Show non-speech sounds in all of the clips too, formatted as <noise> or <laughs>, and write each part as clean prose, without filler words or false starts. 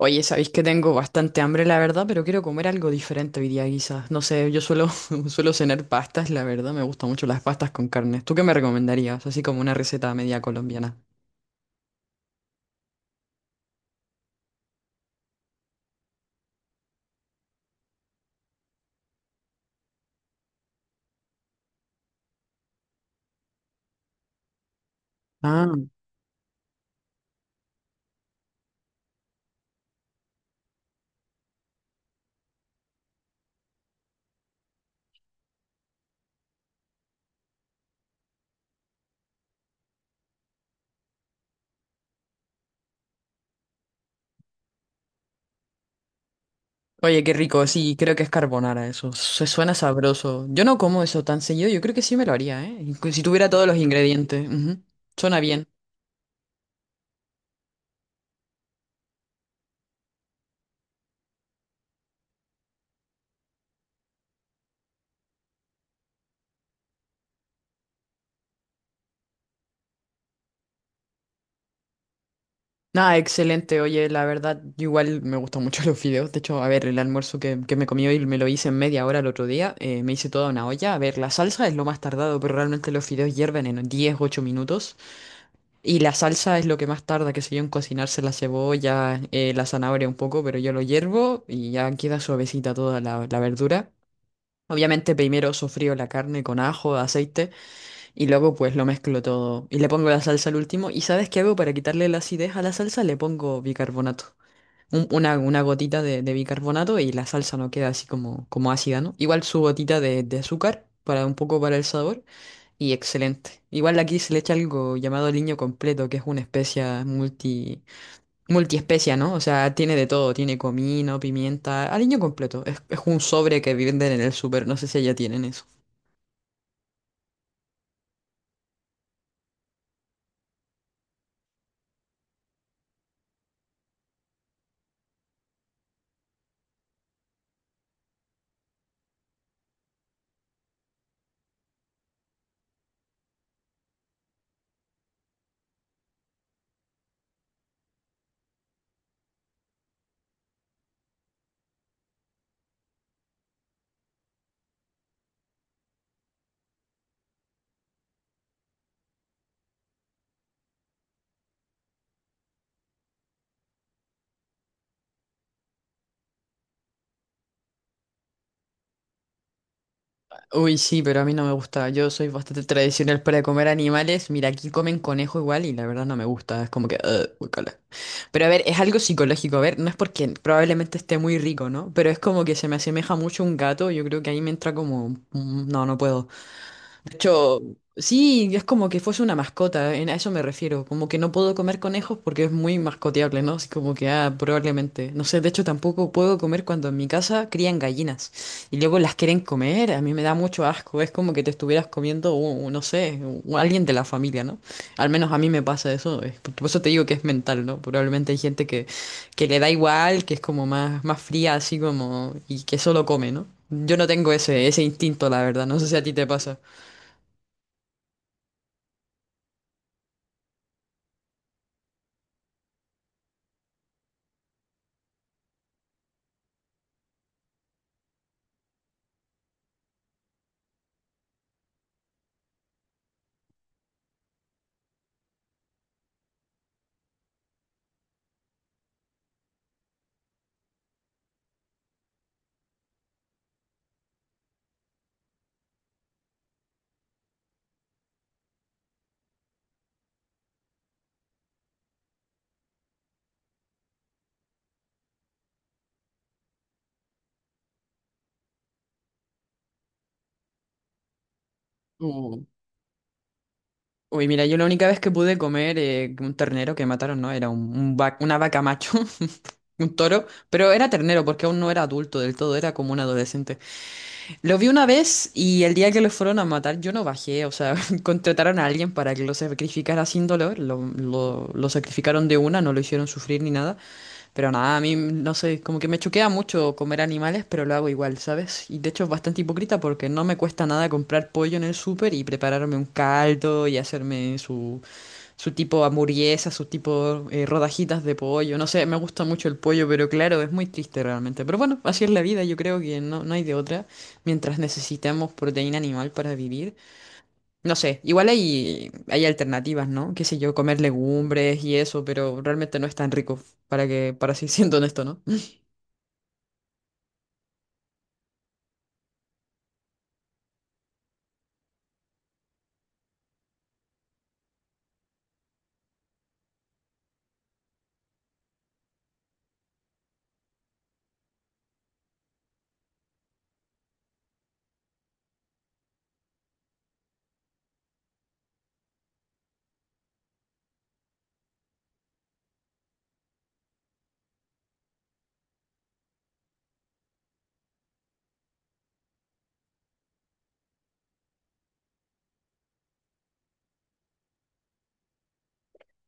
Oye, sabéis que tengo bastante hambre, la verdad, pero quiero comer algo diferente hoy día, quizás. No sé, yo suelo, <laughs> suelo cenar pastas, la verdad, me gustan mucho las pastas con carne. ¿Tú qué me recomendarías? Así como una receta media colombiana. Ah. Oye, qué rico, sí, creo que es carbonara eso. Se suena sabroso. Yo no como eso tan seguido, yo creo que sí me lo haría, ¿eh? Si tuviera todos los ingredientes. Ujú. Suena bien. Nada, excelente. Oye, la verdad, igual me gustan mucho <laughs> los videos. De hecho, a ver, el almuerzo que me comí hoy me lo hice en media hora el otro día. Me hice toda una olla. A ver, la salsa es lo más tardado, pero realmente los fideos hierven en 10 8 minutos. Y la salsa es lo que más tarda, que sé yo, en cocinarse la cebolla, la zanahoria un poco, pero yo lo hiervo y ya queda suavecita toda la verdura. Obviamente primero sofrío la carne con ajo, aceite. Y luego pues lo mezclo todo y le pongo la salsa al último. ¿Y sabes qué hago para quitarle la acidez a la salsa? Le pongo bicarbonato. Una gotita de bicarbonato y la salsa no queda así como, como ácida, ¿no? Igual su gotita de azúcar para un poco para el sabor y excelente. Igual aquí se le echa algo llamado aliño completo, que es una multiespecia, ¿no? O sea, tiene de todo, tiene comino, pimienta, aliño completo. Es un sobre que venden en el súper, no sé si allá tienen eso. Uy, sí, pero a mí no me gusta. Yo soy bastante tradicional para comer animales. Mira, aquí comen conejo igual y la verdad no me gusta. Es como que... "Ugh, guácala". Pero a ver, es algo psicológico. A ver, no es porque probablemente esté muy rico, ¿no? Pero es como que se me asemeja mucho a un gato. Yo creo que ahí me entra como... No, no puedo. De hecho, sí, es como que fuese una mascota, a eso me refiero. Como que no puedo comer conejos porque es muy mascoteable, ¿no? Así como que, ah, probablemente. No sé, de hecho tampoco puedo comer cuando en mi casa crían gallinas y luego las quieren comer. A mí me da mucho asco, es como que te estuvieras comiendo, no sé, alguien de la familia, ¿no? Al menos a mí me pasa eso. Por eso te digo que es mental, ¿no? Probablemente hay gente que le da igual, que es como más, más fría, así como, y que solo come, ¿no? Yo no tengo ese, ese instinto, la verdad. No sé si a ti te pasa. Uh. Uy, mira, yo la única vez que pude comer un ternero que mataron, no, era un, una vaca macho, <laughs> un toro, pero era ternero porque aún no era adulto del todo, era como un adolescente. Lo vi una vez y el día que lo fueron a matar yo no bajé, o sea, <laughs> contrataron a alguien para que lo sacrificara sin dolor, lo sacrificaron de una, no lo hicieron sufrir ni nada, pero nada, a mí no sé, como que me choquea mucho comer animales, pero lo hago igual, ¿sabes? Y de hecho es bastante hipócrita porque no me cuesta nada comprar pollo en el súper y prepararme un caldo y hacerme su tipo hamburguesa, su tipo rodajitas de pollo. No sé, me gusta mucho el pollo, pero claro, es muy triste realmente. Pero bueno, así es la vida, yo creo que no, no hay de otra mientras necesitamos proteína animal para vivir. No sé, igual hay, hay alternativas, ¿no? Qué sé yo, comer legumbres y eso, pero realmente no es tan rico, para que, para así <laughs> siendo honesto, ¿no?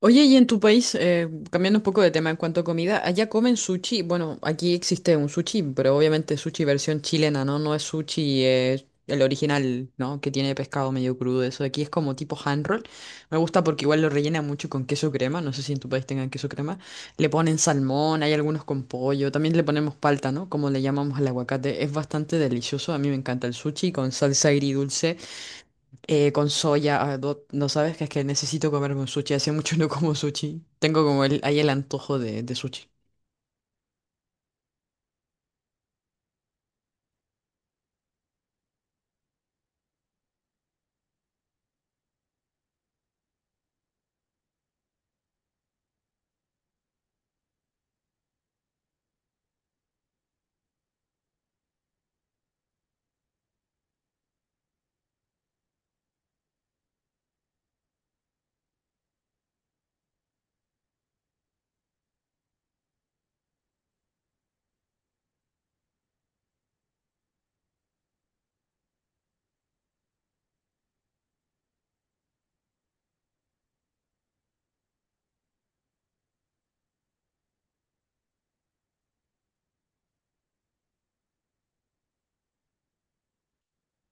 Oye, y en tu país, cambiando un poco de tema en cuanto a comida, allá comen sushi. Bueno, aquí existe un sushi, pero obviamente sushi versión chilena, ¿no? No es sushi, el original, ¿no? Que tiene pescado medio crudo, eso de aquí es como tipo hand roll. Me gusta porque igual lo rellenan mucho con queso crema, no sé si en tu país tengan queso crema. Le ponen salmón, hay algunos con pollo, también le ponemos palta, ¿no? Como le llamamos al aguacate. Es bastante delicioso, a mí me encanta el sushi con salsa agridulce. Con soya, ah, no, no sabes que es que necesito comerme un sushi. Hace mucho <laughs> no como sushi. Tengo como el, ahí el antojo de sushi.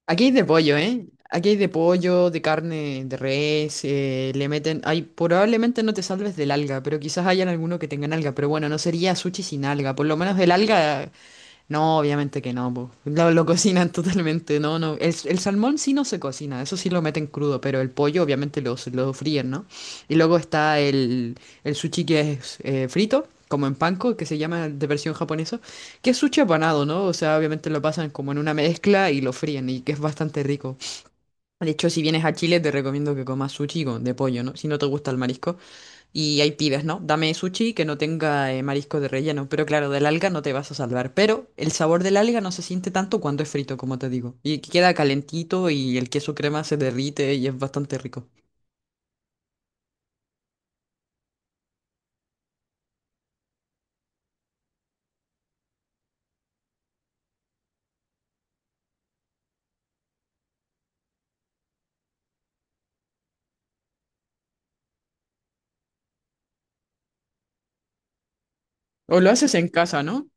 Aquí hay de pollo, ¿eh? Aquí hay de pollo, de carne, de res, le meten... Ay, probablemente no te salves del alga, pero quizás hayan alguno que tengan alga. Pero bueno, no sería sushi sin alga. Por lo menos el alga. No, obviamente que no, po. Lo cocinan totalmente, no, no. El salmón sí no se cocina, eso sí lo meten crudo, pero el pollo obviamente lo fríen, ¿no? Y luego está el sushi que es frito, como en panko, que se llama de versión japonesa, que es sushi apanado, ¿no? O sea, obviamente lo pasan como en una mezcla y lo fríen, y que es bastante rico. De hecho, si vienes a Chile, te recomiendo que comas de pollo, ¿no? Si no te gusta el marisco. Y ahí pides, ¿no? Dame sushi que no tenga marisco de relleno. Pero claro, del alga no te vas a salvar. Pero el sabor del alga no se siente tanto cuando es frito, como te digo. Y que queda calentito y el queso crema se derrite y es bastante rico. O lo haces en casa, ¿no?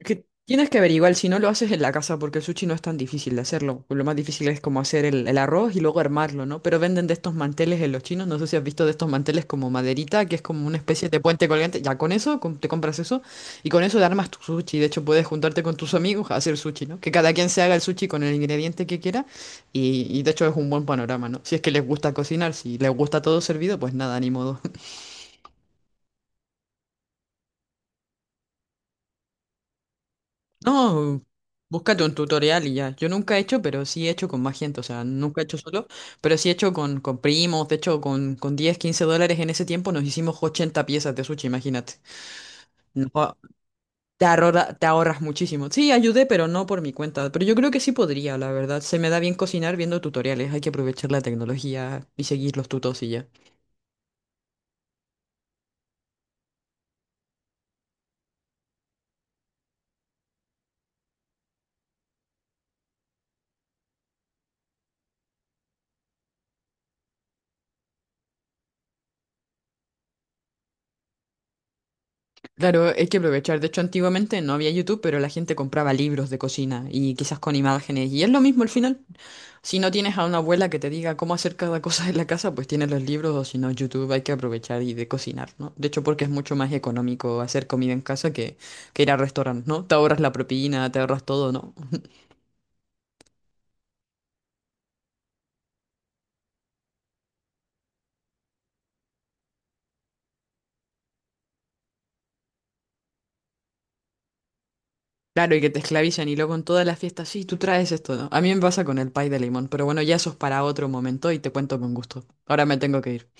Que tienes que averiguar, si no lo haces en la casa, porque el sushi no es tan difícil de hacerlo. Lo más difícil es como hacer el arroz y luego armarlo, ¿no? Pero venden de estos manteles en los chinos, no sé si has visto de estos manteles como maderita, que es como una especie de puente colgante. Ya con eso, te compras eso y con eso te armas tu sushi. De hecho, puedes juntarte con tus amigos a hacer sushi, ¿no? Que cada quien se haga el sushi con el ingrediente que quiera y de hecho es un buen panorama, ¿no? Si es que les gusta cocinar, si les gusta todo servido, pues nada, ni modo. No, búscate un tutorial y ya. Yo nunca he hecho, pero sí he hecho con más gente. O sea, nunca he hecho solo, pero sí he hecho con primos. De hecho, con 10 15 dólares en ese tiempo nos hicimos 80 piezas de sushi, imagínate. No, te ahorras muchísimo. Sí, ayudé, pero no por mi cuenta. Pero yo creo que sí podría, la verdad. Se me da bien cocinar viendo tutoriales. Hay que aprovechar la tecnología y seguir los tutos y ya. Claro, hay que aprovechar. De hecho, antiguamente no había YouTube, pero la gente compraba libros de cocina y quizás con imágenes. Y es lo mismo al final. Si no tienes a una abuela que te diga cómo hacer cada cosa en la casa, pues tienes los libros o si no YouTube hay que aprovechar y de cocinar, ¿no? De hecho, porque es mucho más económico hacer comida en casa que ir a restaurantes, ¿no? Te ahorras la propina, te ahorras todo, ¿no? Claro, y que te esclavizan y luego en todas las fiestas, sí, tú traes esto, ¿no? A mí me pasa con el pay de limón, pero bueno, ya eso es para otro momento y te cuento con gusto. Ahora me tengo que ir.